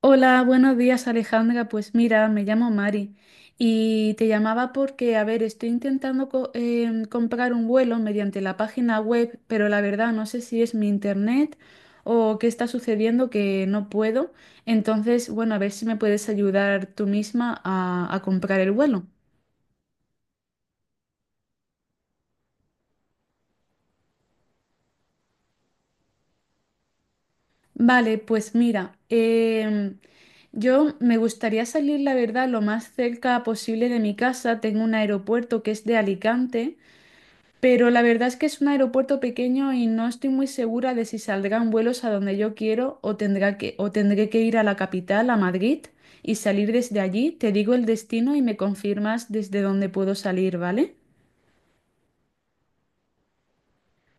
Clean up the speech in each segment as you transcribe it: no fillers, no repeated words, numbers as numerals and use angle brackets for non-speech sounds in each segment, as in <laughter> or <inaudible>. Hola, buenos días Alejandra. Pues mira, me llamo Mari y te llamaba porque, a ver, estoy intentando comprar un vuelo mediante la página web, pero la verdad no sé si es mi internet o qué está sucediendo que no puedo. Entonces, bueno, a ver si me puedes ayudar tú misma a comprar el vuelo. Vale, pues mira, yo me gustaría salir, la verdad, lo más cerca posible de mi casa. Tengo un aeropuerto que es de Alicante. Pero la verdad es que es un aeropuerto pequeño y no estoy muy segura de si saldrán vuelos a donde yo quiero o tendré que ir a la capital, a Madrid, y salir desde allí. Te digo el destino y me confirmas desde dónde puedo salir, ¿vale?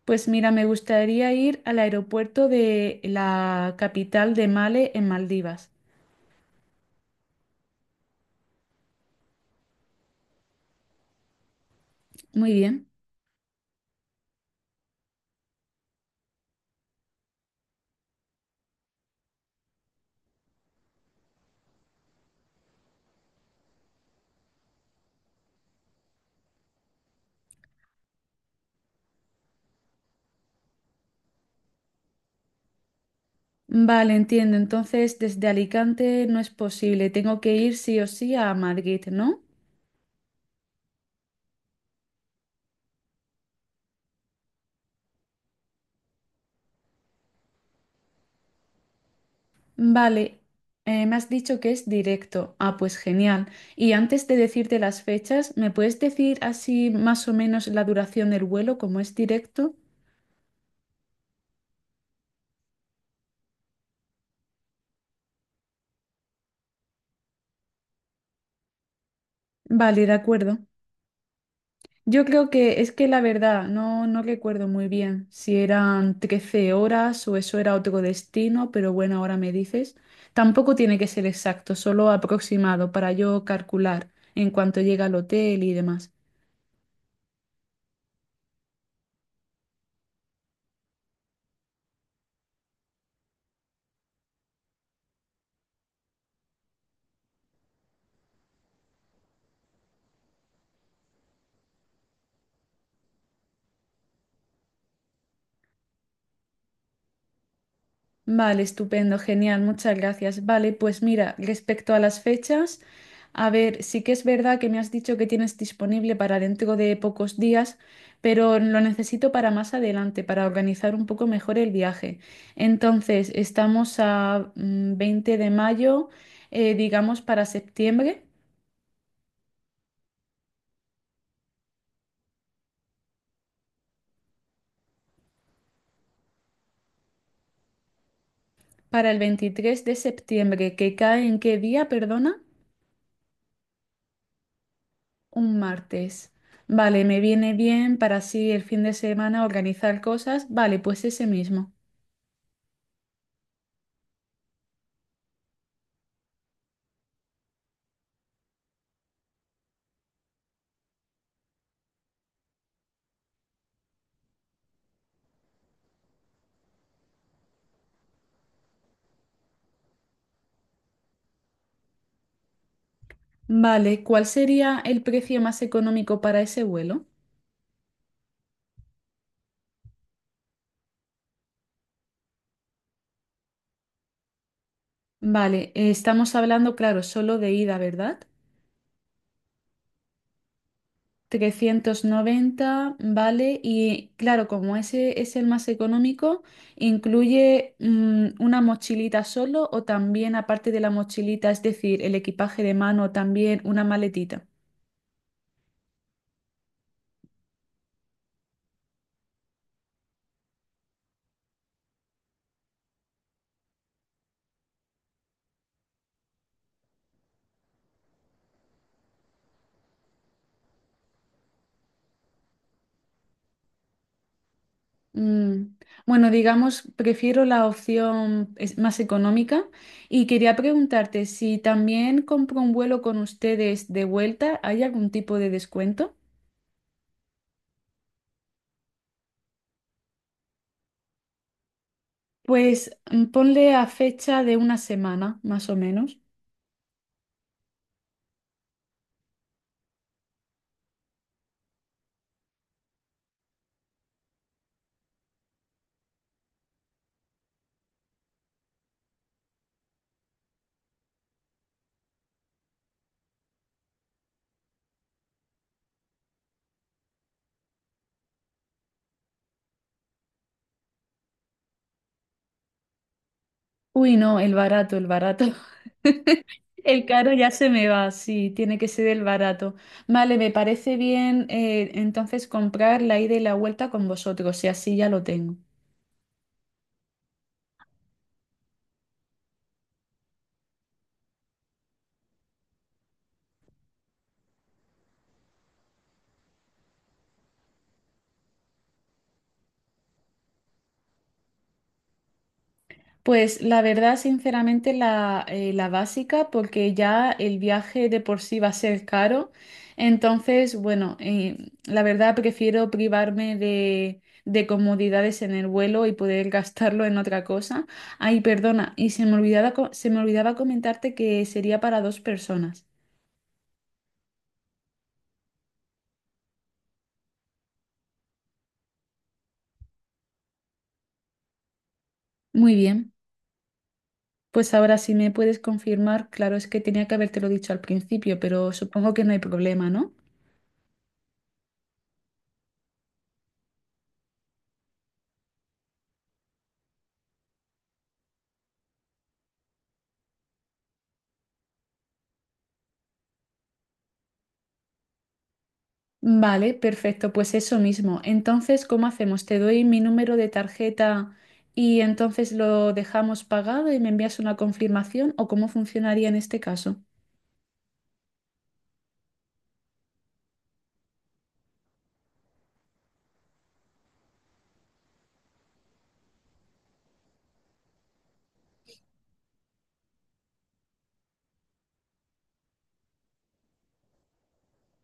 Pues mira, me gustaría ir al aeropuerto de la capital de Male en Maldivas. Muy bien. Vale, entiendo. Entonces, desde Alicante no es posible. Tengo que ir sí o sí a Madrid, ¿no? Vale, me has dicho que es directo. Ah, pues genial. Y antes de decirte las fechas, ¿me puedes decir así más o menos la duración del vuelo, como es directo? Vale, de acuerdo. Yo creo que es que la verdad, no, no recuerdo muy bien si eran 13 horas o eso era otro destino, pero bueno, ahora me dices. Tampoco tiene que ser exacto, solo aproximado para yo calcular en cuanto llega al hotel y demás. Vale, estupendo, genial, muchas gracias. Vale, pues mira, respecto a las fechas, a ver, sí que es verdad que me has dicho que tienes disponible para dentro de pocos días, pero lo necesito para más adelante, para organizar un poco mejor el viaje. Entonces, estamos a 20 de mayo, digamos para septiembre, para el 23 de septiembre, ¿que cae en qué día, perdona? Un martes. Vale, me viene bien para así el fin de semana organizar cosas. Vale, pues ese mismo. Vale, ¿cuál sería el precio más económico para ese vuelo? Vale, estamos hablando, claro, solo de ida, ¿verdad? 390, vale, y claro, como ese es el más económico, ¿incluye una mochilita solo o también aparte de la mochilita, es decir, el equipaje de mano, también una maletita? Mm, Bueno, digamos, prefiero la opción más económica y quería preguntarte si también compro un vuelo con ustedes de vuelta, ¿hay algún tipo de descuento? Pues ponle a fecha de una semana, más o menos. Uy, no, el barato, el barato. <laughs> El caro ya se me va, sí, tiene que ser el barato. Vale, me parece bien entonces comprar la ida y la vuelta con vosotros y así ya lo tengo. Pues la verdad, sinceramente, la básica, porque ya el viaje de por sí va a ser caro. Entonces, bueno, la verdad prefiero privarme de comodidades en el vuelo y poder gastarlo en otra cosa. Ay, perdona, y se me olvidaba, se me olvidaba comentarte que sería para dos personas. Muy bien, pues ahora si me puedes confirmar, claro, es que tenía que habértelo dicho al principio, pero supongo que no hay problema, ¿no? Vale, perfecto, pues eso mismo. Entonces, ¿cómo hacemos? Te doy mi número de tarjeta y entonces lo dejamos pagado y me envías una confirmación o cómo funcionaría en este caso.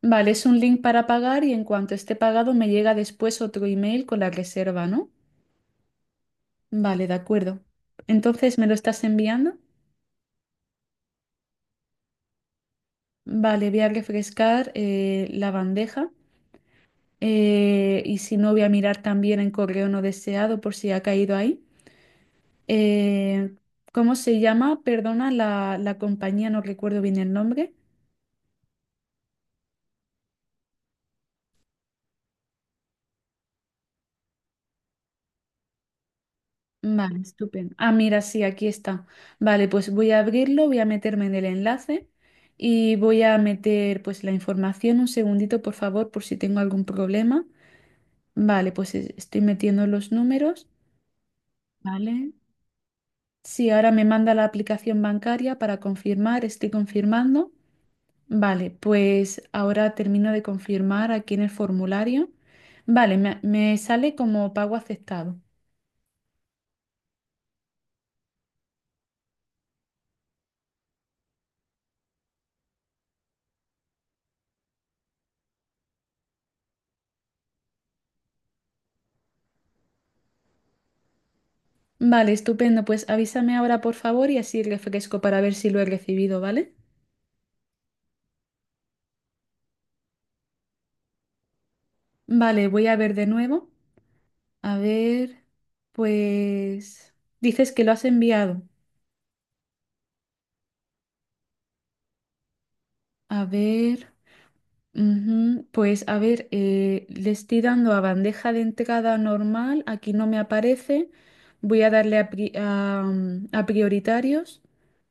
Vale, es un link para pagar y en cuanto esté pagado me llega después otro email con la reserva, ¿no? Vale, de acuerdo. Entonces, ¿me lo estás enviando? Vale, voy a refrescar la bandeja y si no, voy a mirar también en correo no deseado por si ha caído ahí. Eh, ¿Cómo se llama? Perdona la compañía, no recuerdo bien el nombre. Vale, estupendo. Ah, mira, sí, aquí está. Vale, pues voy a abrirlo, voy a meterme en el enlace y voy a meter pues la información. Un segundito, por favor, por si tengo algún problema. Vale, pues estoy metiendo los números. Vale. Sí, ahora me manda la aplicación bancaria para confirmar, estoy confirmando. Vale, pues ahora termino de confirmar aquí en el formulario. Vale, me sale como pago aceptado. Vale, estupendo. Pues avísame ahora, por favor, y así refresco para ver si lo he recibido, ¿vale? Vale, voy a ver de nuevo. A ver, pues dices que lo has enviado. A ver, ujú, pues a ver, le estoy dando a bandeja de entrada normal, aquí no me aparece. Voy a darle a prioritarios.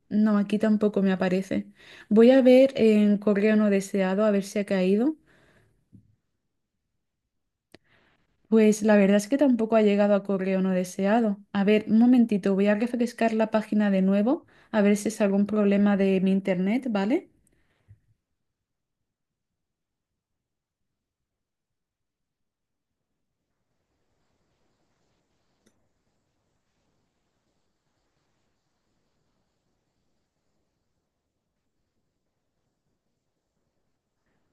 No, aquí tampoco me aparece. Voy a ver en correo no deseado a ver si ha caído. Pues la verdad es que tampoco ha llegado a correo no deseado. A ver, un momentito, voy a refrescar la página de nuevo, a ver si es algún problema de mi internet, ¿vale?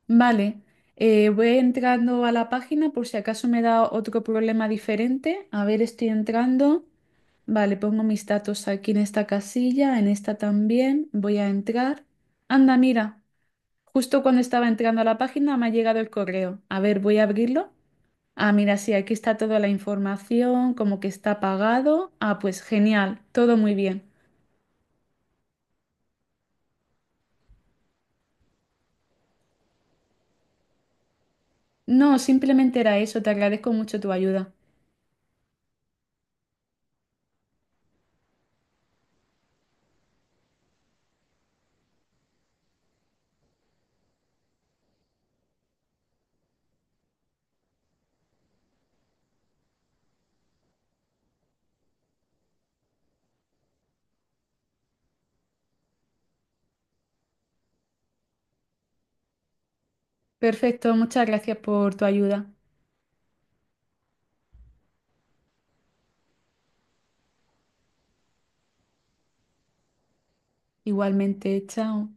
Vale, voy entrando a la página por si acaso me da otro problema diferente. A ver, estoy entrando. Vale, pongo mis datos aquí en esta casilla, en esta también. Voy a entrar. Anda, mira. Justo cuando estaba entrando a la página me ha llegado el correo. A ver, voy a abrirlo. Ah, mira, sí, aquí está toda la información, como que está pagado. Ah, pues genial, todo muy bien. No, simplemente era eso, te agradezco mucho tu ayuda. Perfecto, muchas gracias por tu ayuda. Igualmente, chao.